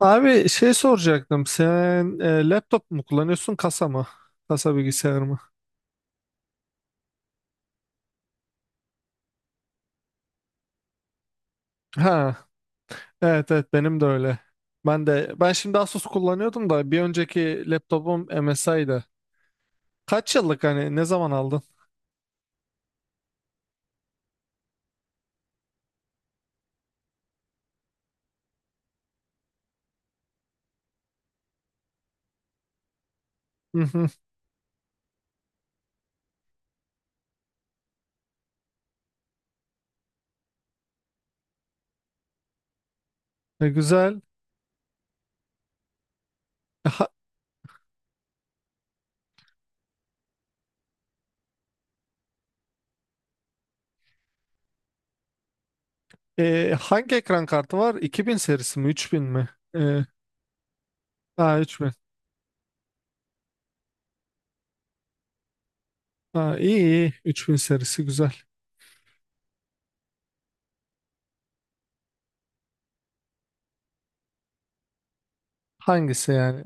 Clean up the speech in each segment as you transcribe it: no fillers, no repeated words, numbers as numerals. Abi şey soracaktım. Sen laptop mu kullanıyorsun kasa mı? Kasa bilgisayar mı? Ha, evet evet benim de öyle. Ben de ben şimdi Asus kullanıyordum da bir önceki laptopum MSI'dı. Kaç yıllık hani ne zaman aldın? Hı hı. Güzel. E, Ha- hangi ekran kartı var? 2000 serisi mi? 3000 mi? E, ha, 3000. Ha, iyi iyi. 3000 serisi güzel. Hangisi yani?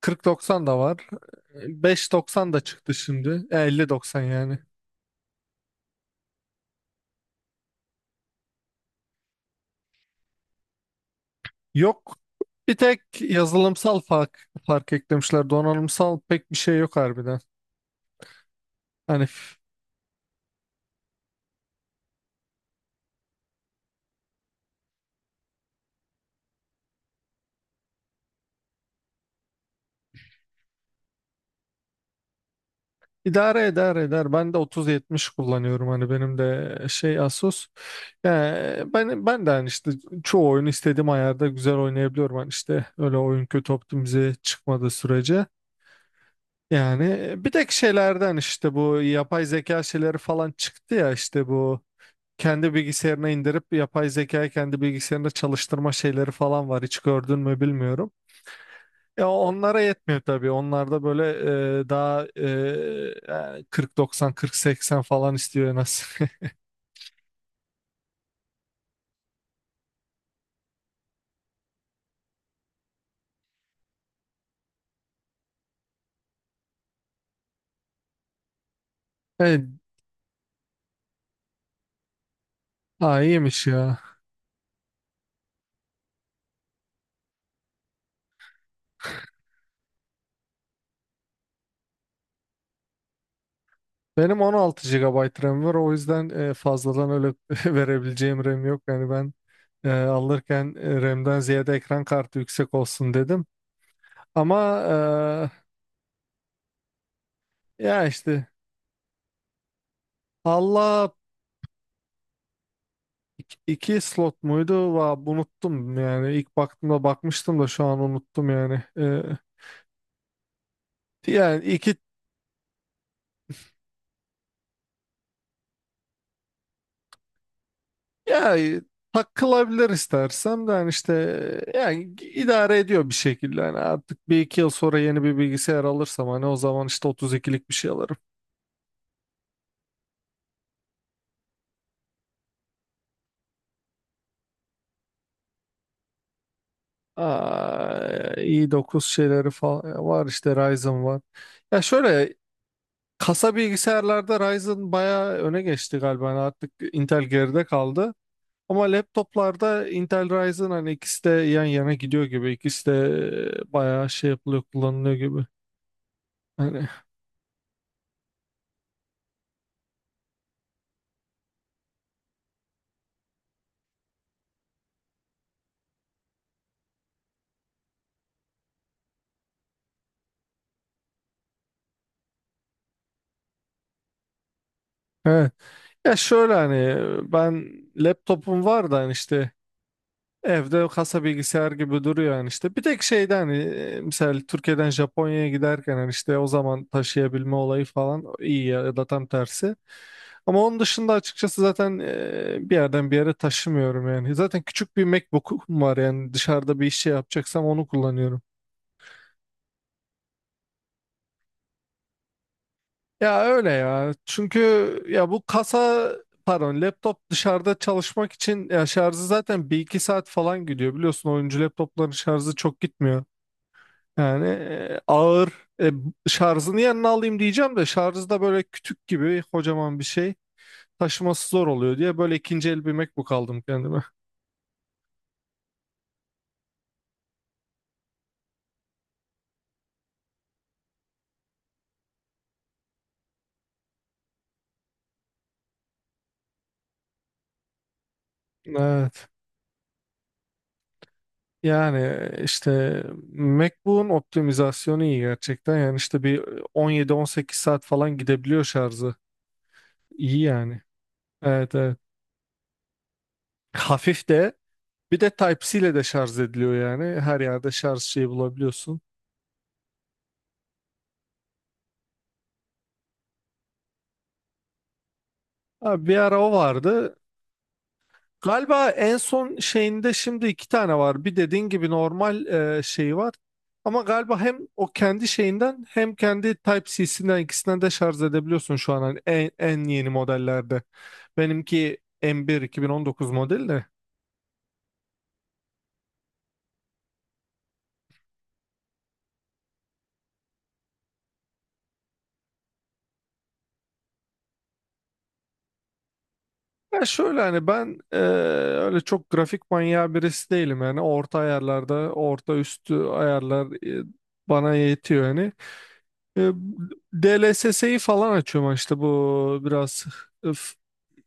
4090 da var. Beş doksan da çıktı şimdi. Elli doksan yani. Yok. Bir tek yazılımsal fark eklemişler. Donanımsal pek bir şey yok harbiden. Hani f- idare eder eder. Ben de 3070 kullanıyorum. Hani benim de şey Asus. Yani ben de hani işte çoğu oyunu istediğim ayarda güzel oynayabiliyorum. Hani işte öyle oyun kötü optimize çıkmadığı sürece. Yani bir tek şeylerden işte bu yapay zeka şeyleri falan çıktı ya işte bu kendi bilgisayarına indirip yapay zekayı kendi bilgisayarında çalıştırma şeyleri falan var. Hiç gördün mü bilmiyorum. Ya onlara yetmiyor tabii. Onlarda böyle daha yani 40-90, 40 falan istiyor en az. Evet, ha, iyiymiş ya. Benim 16 gigabayt RAM var. O yüzden fazladan öyle verebileceğim RAM yok. Yani ben alırken RAM'den ziyade ekran kartı yüksek olsun dedim. Ama ya işte Allah. İki slot muydu? Unuttum yani. İlk baktığımda bakmıştım da şu an unuttum yani. Yani iki ya takılabilir istersem de yani işte. Yani idare ediyor bir şekilde. Yani artık 1-2 yıl sonra yeni bir bilgisayar alırsam hani o zaman işte 32'lik bir şey alırım. Aa, i9 şeyleri falan var işte Ryzen var. Ya şöyle kasa bilgisayarlarda Ryzen bayağı öne geçti galiba. Yani artık Intel geride kaldı. Ama laptoplarda Intel Ryzen hani ikisi de yan yana gidiyor gibi. İkisi de bayağı şey yapılıyor, kullanılıyor gibi. Hani evet. Ya şöyle hani ben laptopum var da hani işte evde kasa bilgisayar gibi duruyor yani işte. Bir tek şeyde hani mesela Türkiye'den Japonya'ya giderken hani işte o zaman taşıyabilme olayı falan iyi ya, ya da tam tersi. Ama onun dışında açıkçası zaten bir yerden bir yere taşımıyorum yani. Zaten küçük bir MacBook'um var yani dışarıda bir iş şey yapacaksam onu kullanıyorum. Ya öyle ya. Çünkü ya bu kasa pardon laptop dışarıda çalışmak için ya şarjı zaten 1-2 saat falan gidiyor. Biliyorsun oyuncu laptopların şarjı çok gitmiyor. Yani ağır e, şarjını yanına alayım diyeceğim de şarjı da böyle kütük gibi kocaman bir şey taşıması zor oluyor diye böyle ikinci el bir MacBook aldım kendime. Evet. Yani işte MacBook'un optimizasyonu iyi gerçekten. Yani işte bir 17-18 saat falan gidebiliyor şarjı. İyi yani. Evet evet. Hafif de bir de Type-C ile de şarj ediliyor yani. Her yerde şarj şeyi bulabiliyorsun. Abi bir ara o vardı. Galiba en son şeyinde şimdi iki tane var. Bir dediğin gibi normal şey var. Ama galiba hem o kendi şeyinden hem kendi Type-C'sinden ikisinden de şarj edebiliyorsun şu an hani en yeni modellerde. Benimki M1 2019 model de. Ya şöyle hani ben öyle çok grafik manyağı birisi değilim yani orta ayarlarda orta üstü ayarlar bana yetiyor yani. E, DLSS'yi falan açıyorum işte bu biraz öf,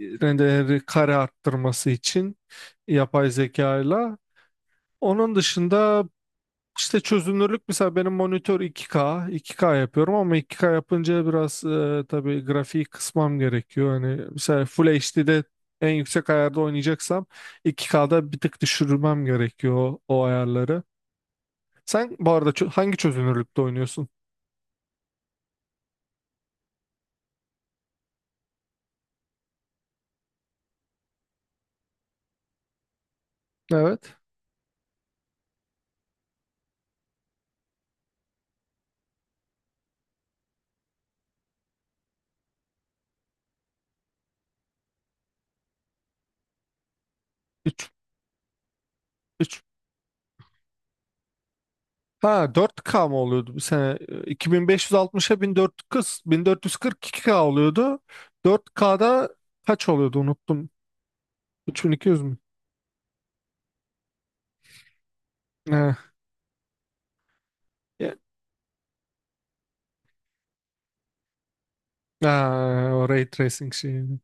rendeleri kare arttırması için yapay zekayla. Onun dışında işte çözünürlük mesela benim monitör 2K, 2K yapıyorum ama 2K yapınca biraz tabii grafiği kısmam gerekiyor. Hani mesela Full HD'de en yüksek ayarda oynayacaksam 2K'da bir tık düşürmem gerekiyor o ayarları. Sen bu arada hangi çözünürlükte oynuyorsun? Evet. 3 3 Ha 4K mı oluyordu bir sene? 2560'a 1440 1442K oluyordu. 4K'da kaç oluyordu unuttum. 3200 mü? He. Aa, o ray tracing şeyi.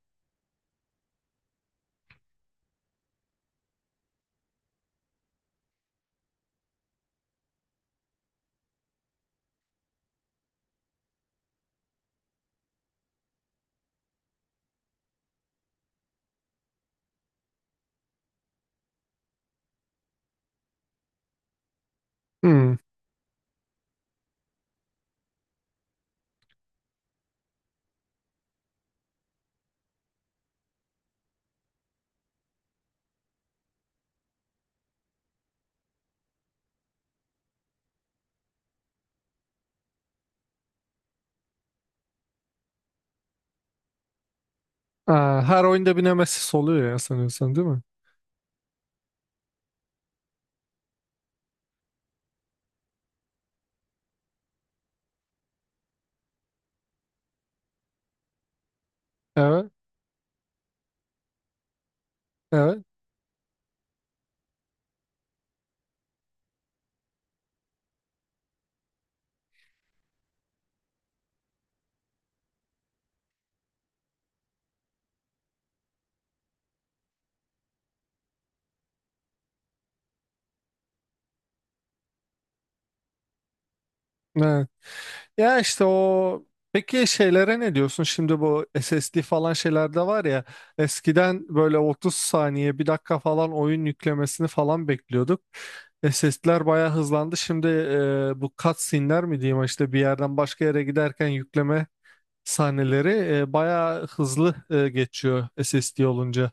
Hmm. Aa, her oyunda bir Nemesis oluyor ya sanıyorsan değil mi? Evet, evet, evet. Ya işte o. Peki şeylere ne diyorsun? Şimdi bu SSD falan şeylerde var ya eskiden böyle 30 saniye bir dakika falan oyun yüklemesini falan bekliyorduk. SSD'ler bayağı hızlandı. Şimdi bu cutscene'ler mi diyeyim işte bir yerden başka yere giderken yükleme sahneleri bayağı hızlı geçiyor SSD olunca.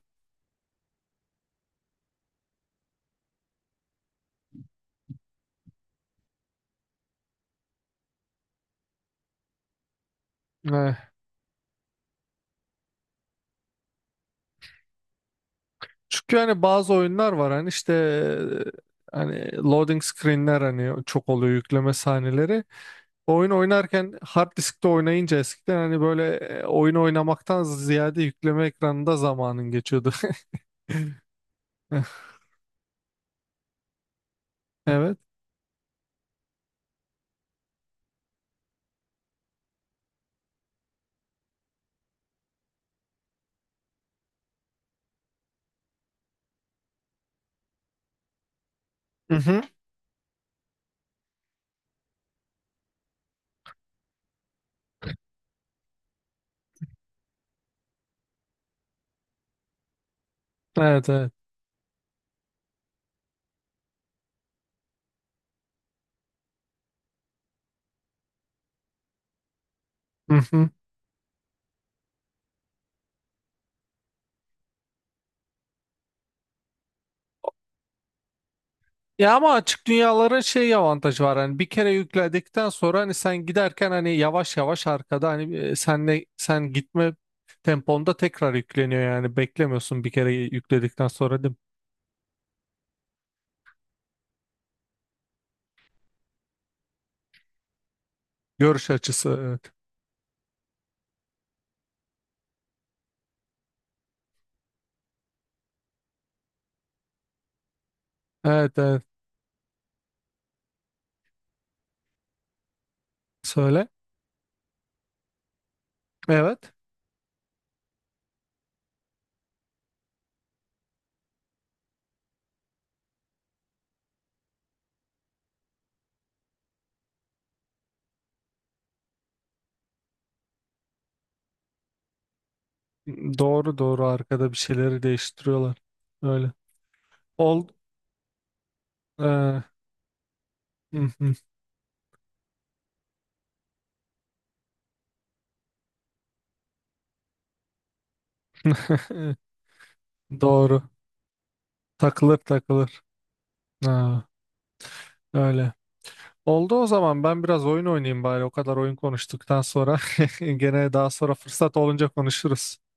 Çünkü hani bazı oyunlar var hani işte hani loading screenler hani çok oluyor yükleme sahneleri. Oyun oynarken hard diskte oynayınca eskiden hani böyle oyun oynamaktan ziyade yükleme ekranında zamanın geçiyordu. Evet. Mhm. Evet evet. Mhm. Ya ama açık dünyaların şey avantajı var hani bir kere yükledikten sonra hani sen giderken hani yavaş yavaş arkada hani senle sen gitme temponda tekrar yükleniyor yani beklemiyorsun bir kere yükledikten sonra değil mi? Görüş açısı evet. Evet evet. Söyle. Evet. Doğru doğru arkada bir şeyleri değiştiriyorlar. Öyle. Ol. Hı hı. Doğru. Takılır takılır. Ha, öyle. Oldu o zaman ben biraz oyun oynayayım bari. O kadar oyun konuştuktan sonra. Gene daha sonra fırsat olunca konuşuruz.